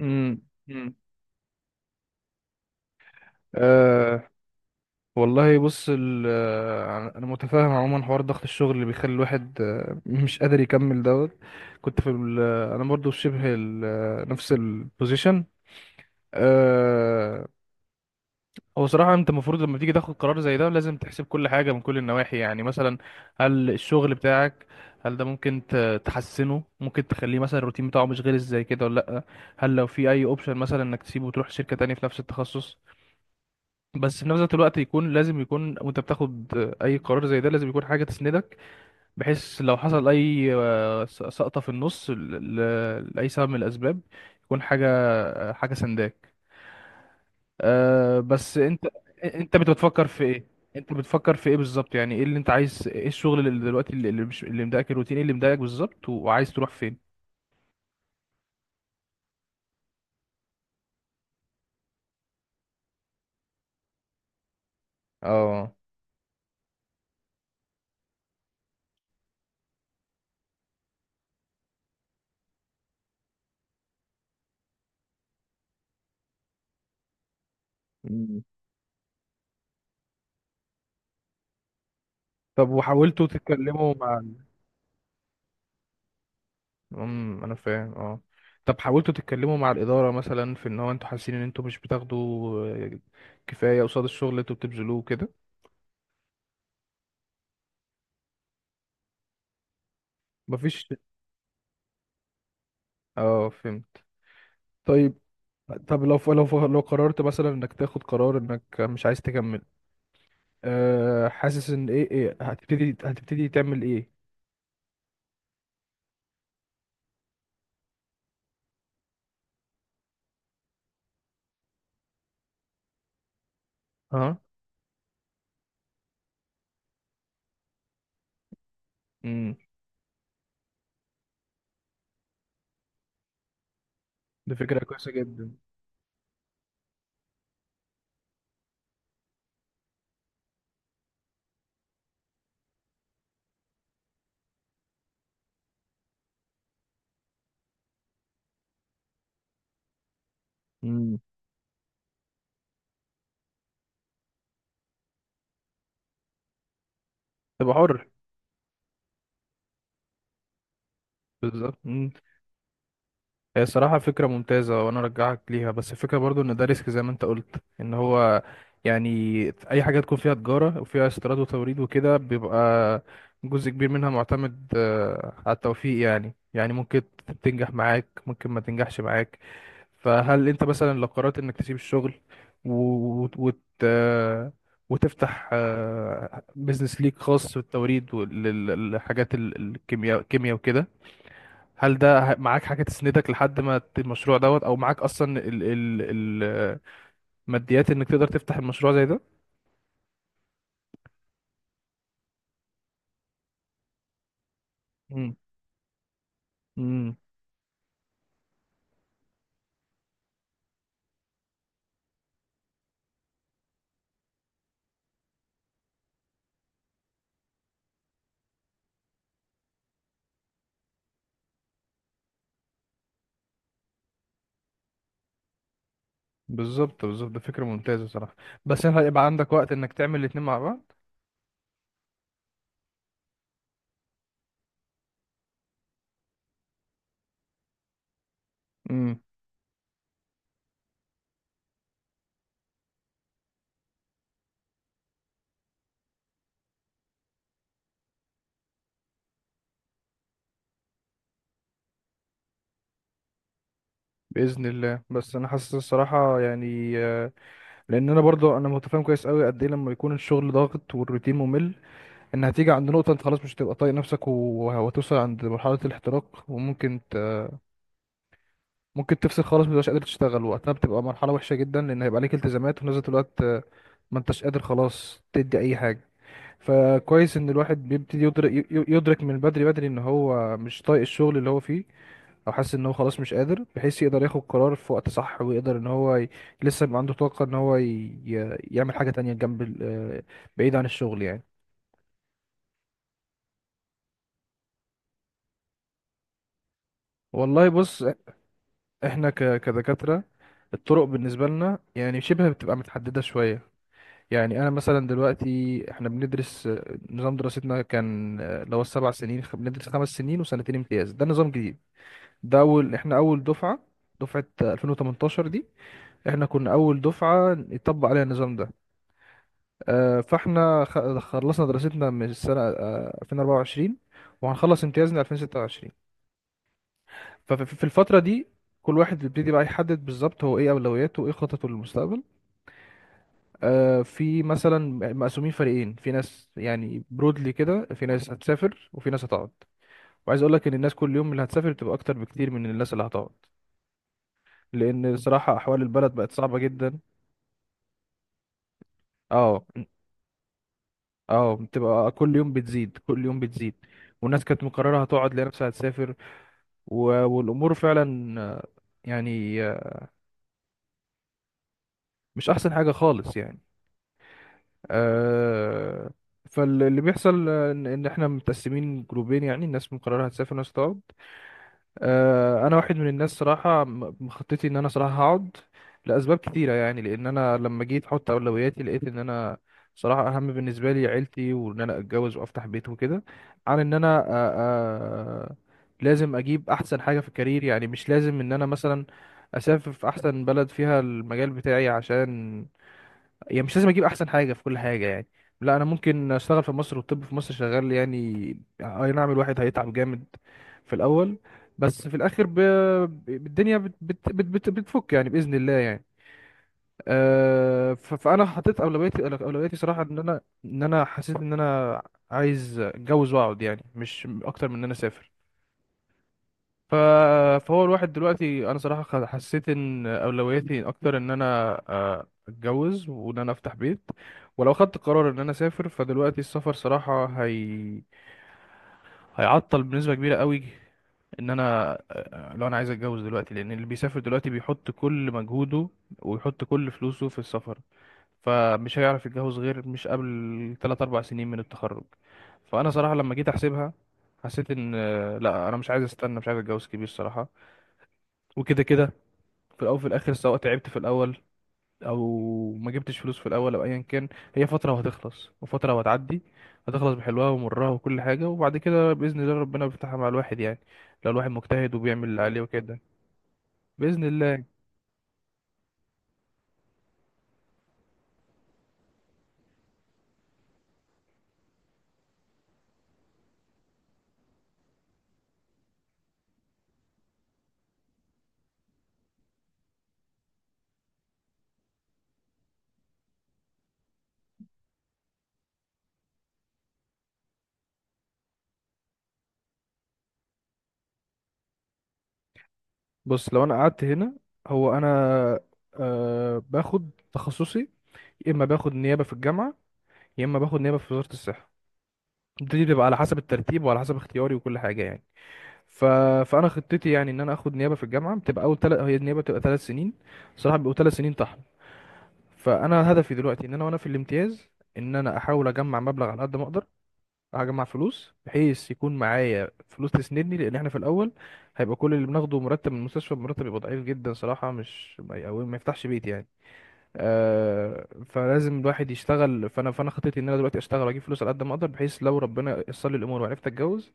امم امم أه. والله بص، انا متفاهم عموما حوار ضغط الشغل اللي بيخلي الواحد مش قادر يكمل دوت. كنت في انا برضو في شبه نفس البوزيشن. أه. هو صراحة انت المفروض لما تيجي تاخد قرار زي ده لازم تحسب كل حاجة من كل النواحي، يعني مثلا، هل الشغل بتاعك، هل ده ممكن تحسنه، ممكن تخليه مثلا الروتين بتاعه مش غير زي كده ولا لا، هل لو في اي اوبشن مثلا انك تسيبه وتروح شركة تانية في نفس التخصص، بس في نفس الوقت يكون لازم يكون، وانت بتاخد اي قرار زي ده لازم يكون حاجه تسندك، بحيث لو حصل اي سقطه في النص، لاي سبب من الاسباب، يكون حاجه، حاجه سنداك. بس انت، انت بتفكر في ايه؟ انت بتفكر في ايه بالظبط؟ يعني ايه اللي انت عايز؟ ايه الشغل اللي دلوقتي، اللي اللي مش اللي مضايقك؟ الروتين ايه اللي مضايقك بالظبط، وعايز تروح فين؟ اه. مم. طب وحاولتوا تتكلموا مع... انا فاهم. اه. طب حاولتوا تتكلموا مع الإدارة مثلا، في ان هو انتوا حاسين ان انتوا مش بتاخدوا آه، كفاية قصاد الشغل اللي انتوا بتبذلوه كده؟ مفيش. اه فهمت. طيب. طب لو لو قررت مثلا انك تاخد قرار انك مش عايز تكمل، حاسس ان ايه، هتبتدي، هتبتدي تعمل ايه؟ اه. امم دي فكرة كويسة جدا. امم تبقى حر. بالظبط. هي صراحة فكرة ممتازة وأنا أرجعك ليها، بس الفكرة برضو إن ده ريسك زي ما أنت قلت، إن هو، يعني، أي حاجة تكون فيها تجارة وفيها استيراد وتوريد وكده بيبقى جزء كبير منها معتمد على التوفيق، يعني ممكن تنجح معاك، ممكن ما تنجحش معاك. فهل أنت مثلا لو قررت إنك تسيب الشغل و... وت... آه، وتفتح بيزنس ليك خاص بالتوريد والحاجات، الكيمياء وكده، هل ده معاك حاجة تسندك لحد ما المشروع دوت، او معاك اصلا الماديات انك تقدر تفتح المشروع زي ده؟ امم امم بالظبط، بالظبط، ده فكرة ممتازة صراحة، بس انت هيبقى عندك وقت انك تعمل الاتنين مع بعض؟ امم بإذن الله. بس انا حاسس الصراحة، يعني، لان انا برضو انا متفاهم كويس قوي قد ايه لما يكون الشغل ضاغط والروتين ممل، ان هتيجي عند نقطة انت خلاص مش هتبقى طايق نفسك، وهتوصل عند مرحلة الاحتراق، وممكن، ممكن تفصل خالص، مبتبقاش قادر تشتغل، وقتها بتبقى مرحلة وحشة جدا، لأن هيبقى عليك التزامات، وفي نفس الوقت ما انتش قادر خلاص تدي أي حاجة. فكويس إن الواحد بيبتدي يدرك، يدرك من بدري بدري إن هو مش طايق الشغل اللي هو فيه، أو حاسس إن هو خلاص مش قادر، بحيث يقدر ياخد قرار في وقت صح، ويقدر إن هو ي... لسه يبقى عنده طاقة إن هو ي... يعمل حاجة تانية جنب بعيد عن الشغل يعني. والله بص، إحنا ك... كدكاترة، الطرق بالنسبة لنا يعني شبه بتبقى متحددة شوية. يعني انا مثلا دلوقتي احنا بندرس، نظام دراستنا كان اللي هو ال7 سنين، بندرس 5 سنين وسنتين امتياز، ده نظام جديد، ده اول، احنا اول دفعه، دفعه 2018 دي، احنا كنا اول دفعه يطبق عليها النظام ده. فاحنا خلصنا دراستنا من السنه 2024، وهنخلص امتيازنا 2026. ففي الفتره دي كل واحد بيبتدي بقى يحدد بالظبط هو ايه اولوياته وايه خططه للمستقبل. في مثلا مقسومين فريقين، في ناس يعني برودلي كده، في ناس هتسافر وفي ناس هتقعد، وعايز اقول لك ان الناس كل يوم اللي هتسافر بتبقى اكتر بكتير من الناس اللي هتقعد، لان صراحة احوال البلد بقت صعبة جدا. اه. اه بتبقى كل يوم بتزيد، كل يوم بتزيد. والناس كانت مقررة هتقعد لقى نفسها هتسافر، و... والامور فعلا، يعني آه، مش احسن حاجة خالص يعني. آه، فاللي بيحصل إن احنا متقسمين جروبين، يعني الناس مقررة هتسافر وناس هتقعد. انا واحد من الناس صراحه، مخططي ان انا صراحه هقعد لاسباب كتيره، يعني لان انا لما جيت احط اولوياتي لقيت ان انا صراحه اهم بالنسبه لي عيلتي، وان انا اتجوز وافتح بيت وكده، عن ان انا آه، لازم اجيب احسن حاجه في الكارير، يعني مش لازم ان انا مثلا اسافر في احسن بلد فيها المجال بتاعي، عشان يعني مش لازم اجيب احسن حاجه في كل حاجه يعني، لا، انا ممكن اشتغل في مصر، والطب في مصر شغال يعني. اي نعم الواحد هيتعب جامد في الاول، بس في الاخر الدنيا بتفك يعني باذن الله يعني. فانا حطيت اولوياتي، صراحه ان انا، حسيت ان انا عايز اتجوز واقعد، يعني مش اكتر من ان انا اسافر. ف... فهو الواحد دلوقتي، انا صراحة حسيت ان اولوياتي اكتر ان انا اتجوز وان انا افتح بيت. ولو خدت قرار ان انا اسافر، فدلوقتي السفر صراحة هيعطل بنسبة كبيرة قوي ان انا، لو انا عايز اتجوز دلوقتي، لان اللي بيسافر دلوقتي بيحط كل مجهوده ويحط كل فلوسه في السفر، فمش هيعرف يتجوز غير مش قبل 3 4 سنين من التخرج. فانا صراحة لما جيت احسبها، حسيت ان، لا انا مش عايز استنى، مش عايز اتجوز كبير صراحة، وكده كده، في الاول وفي الاخر، سواء تعبت في الاول او ما جبتش فلوس في الاول او ايا كان، هي فتره وهتخلص، وفتره وهتعدي، هتخلص بحلوها ومرها وكل حاجه، وبعد كده باذن الله ربنا بيفتحها مع الواحد يعني، لو الواحد مجتهد وبيعمل اللي عليه وكده. باذن الله. بص لو انا قعدت هنا، هو انا باخد تخصصي، يا اما باخد نيابه في الجامعه، يا اما باخد نيابه في وزاره الصحه، دي بتبقى على حسب الترتيب وعلى حسب اختياري وكل حاجه يعني. ف... فانا خطتي يعني ان انا اخد نيابه في الجامعه، بتبقى هي النيابه بتبقى 3 سنين، صراحه بيبقوا 3 سنين طحن. فانا هدفي دلوقتي، ان انا وانا في الامتياز، ان انا احاول اجمع مبلغ على قد ما اقدر، اجمع فلوس بحيث يكون معايا فلوس تسندني، لان احنا في الاول هيبقى كل اللي بناخده مرتب من المستشفى، مرتب بيبقى ضعيف جدا صراحه، مش ما ي- أو ما يفتحش بيت يعني. آه، فلازم الواحد يشتغل، فانا خطتي ان انا دلوقتي اشتغل واجيب فلوس على قد ما اقدر، بحيث لو ربنا يسر لي الامور وعرفت اتجوز،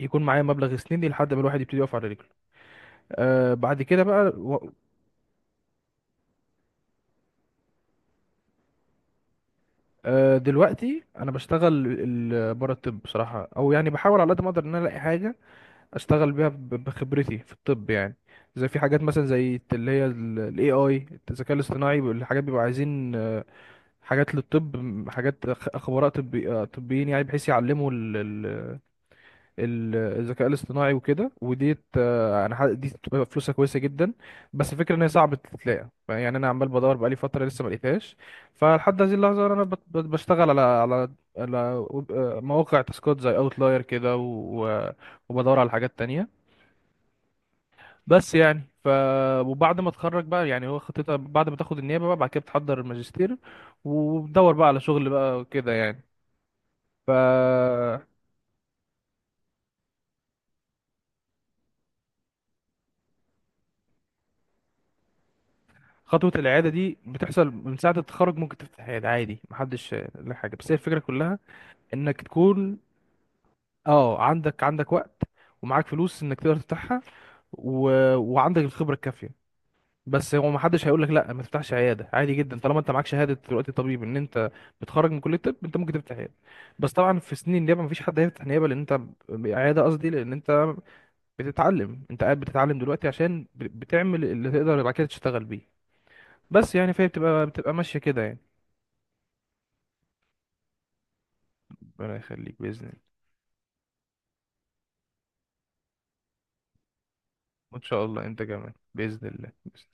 يكون معايا مبلغ يسندني لحد ما الواحد يبتدي يقف على رجله. آه، بعد كده بقى و... دلوقتي انا بشتغل بره الطب بصراحه، او يعني بحاول على قد ما اقدر ان انا الاقي حاجه اشتغل بيها بخبرتي في الطب يعني. زي في حاجات مثلا زي اللي هي الاي اي، الذكاء الاصطناعي، الحاجات بيبقوا عايزين حاجات للطب، حاجات خبراء طبي، طبيين يعني، بحيث يعلموا الذكاء الاصطناعي وكده، وديت، دي بتبقى فلوسها كويسه جدا. بس الفكره ان هي صعبه تتلاقي، يعني انا عمال بدور بقالي فتره لسه ما لقيتهاش. فلحد هذه اللحظه انا بشتغل على على مواقع تاسكات زي اوتلاير كده، وبدور على حاجات تانية، بس يعني ف. وبعد ما اتخرج بقى، يعني هو خطتها بعد ما تاخد النيابه بقى، بعد كده بتحضر الماجستير، وبتدور بقى على شغل بقى وكده يعني ف. خطوة الإعادة دي بتحصل من ساعة التخرج، ممكن تفتح عيادة عادي، محدش له حاجة، بس هي الفكرة كلها إنك تكون، اه، عندك وقت ومعاك فلوس إنك تقدر تفتحها، و... وعندك الخبرة الكافية، بس هو محدش هيقولك لأ ما تفتحش عيادة، عادي جدا، طالما أنت معاك شهادة دلوقتي طبيب، إن أنت بتخرج من كلية الطب أنت ممكن تفتح عيادة. بس طبعا في سنين النيابة مفيش حد هيفتح نيابة، لأن أنت، عيادة قصدي، لأن أنت بتتعلم، أنت قاعد بتتعلم دلوقتي عشان بتعمل اللي تقدر بعد كده تشتغل بيه، بس يعني فهي بتبقى ماشية كده يعني. ربنا يخليك بإذن الله. وإن شاء الله أنت كمان، بإذن الله، بإذن الله.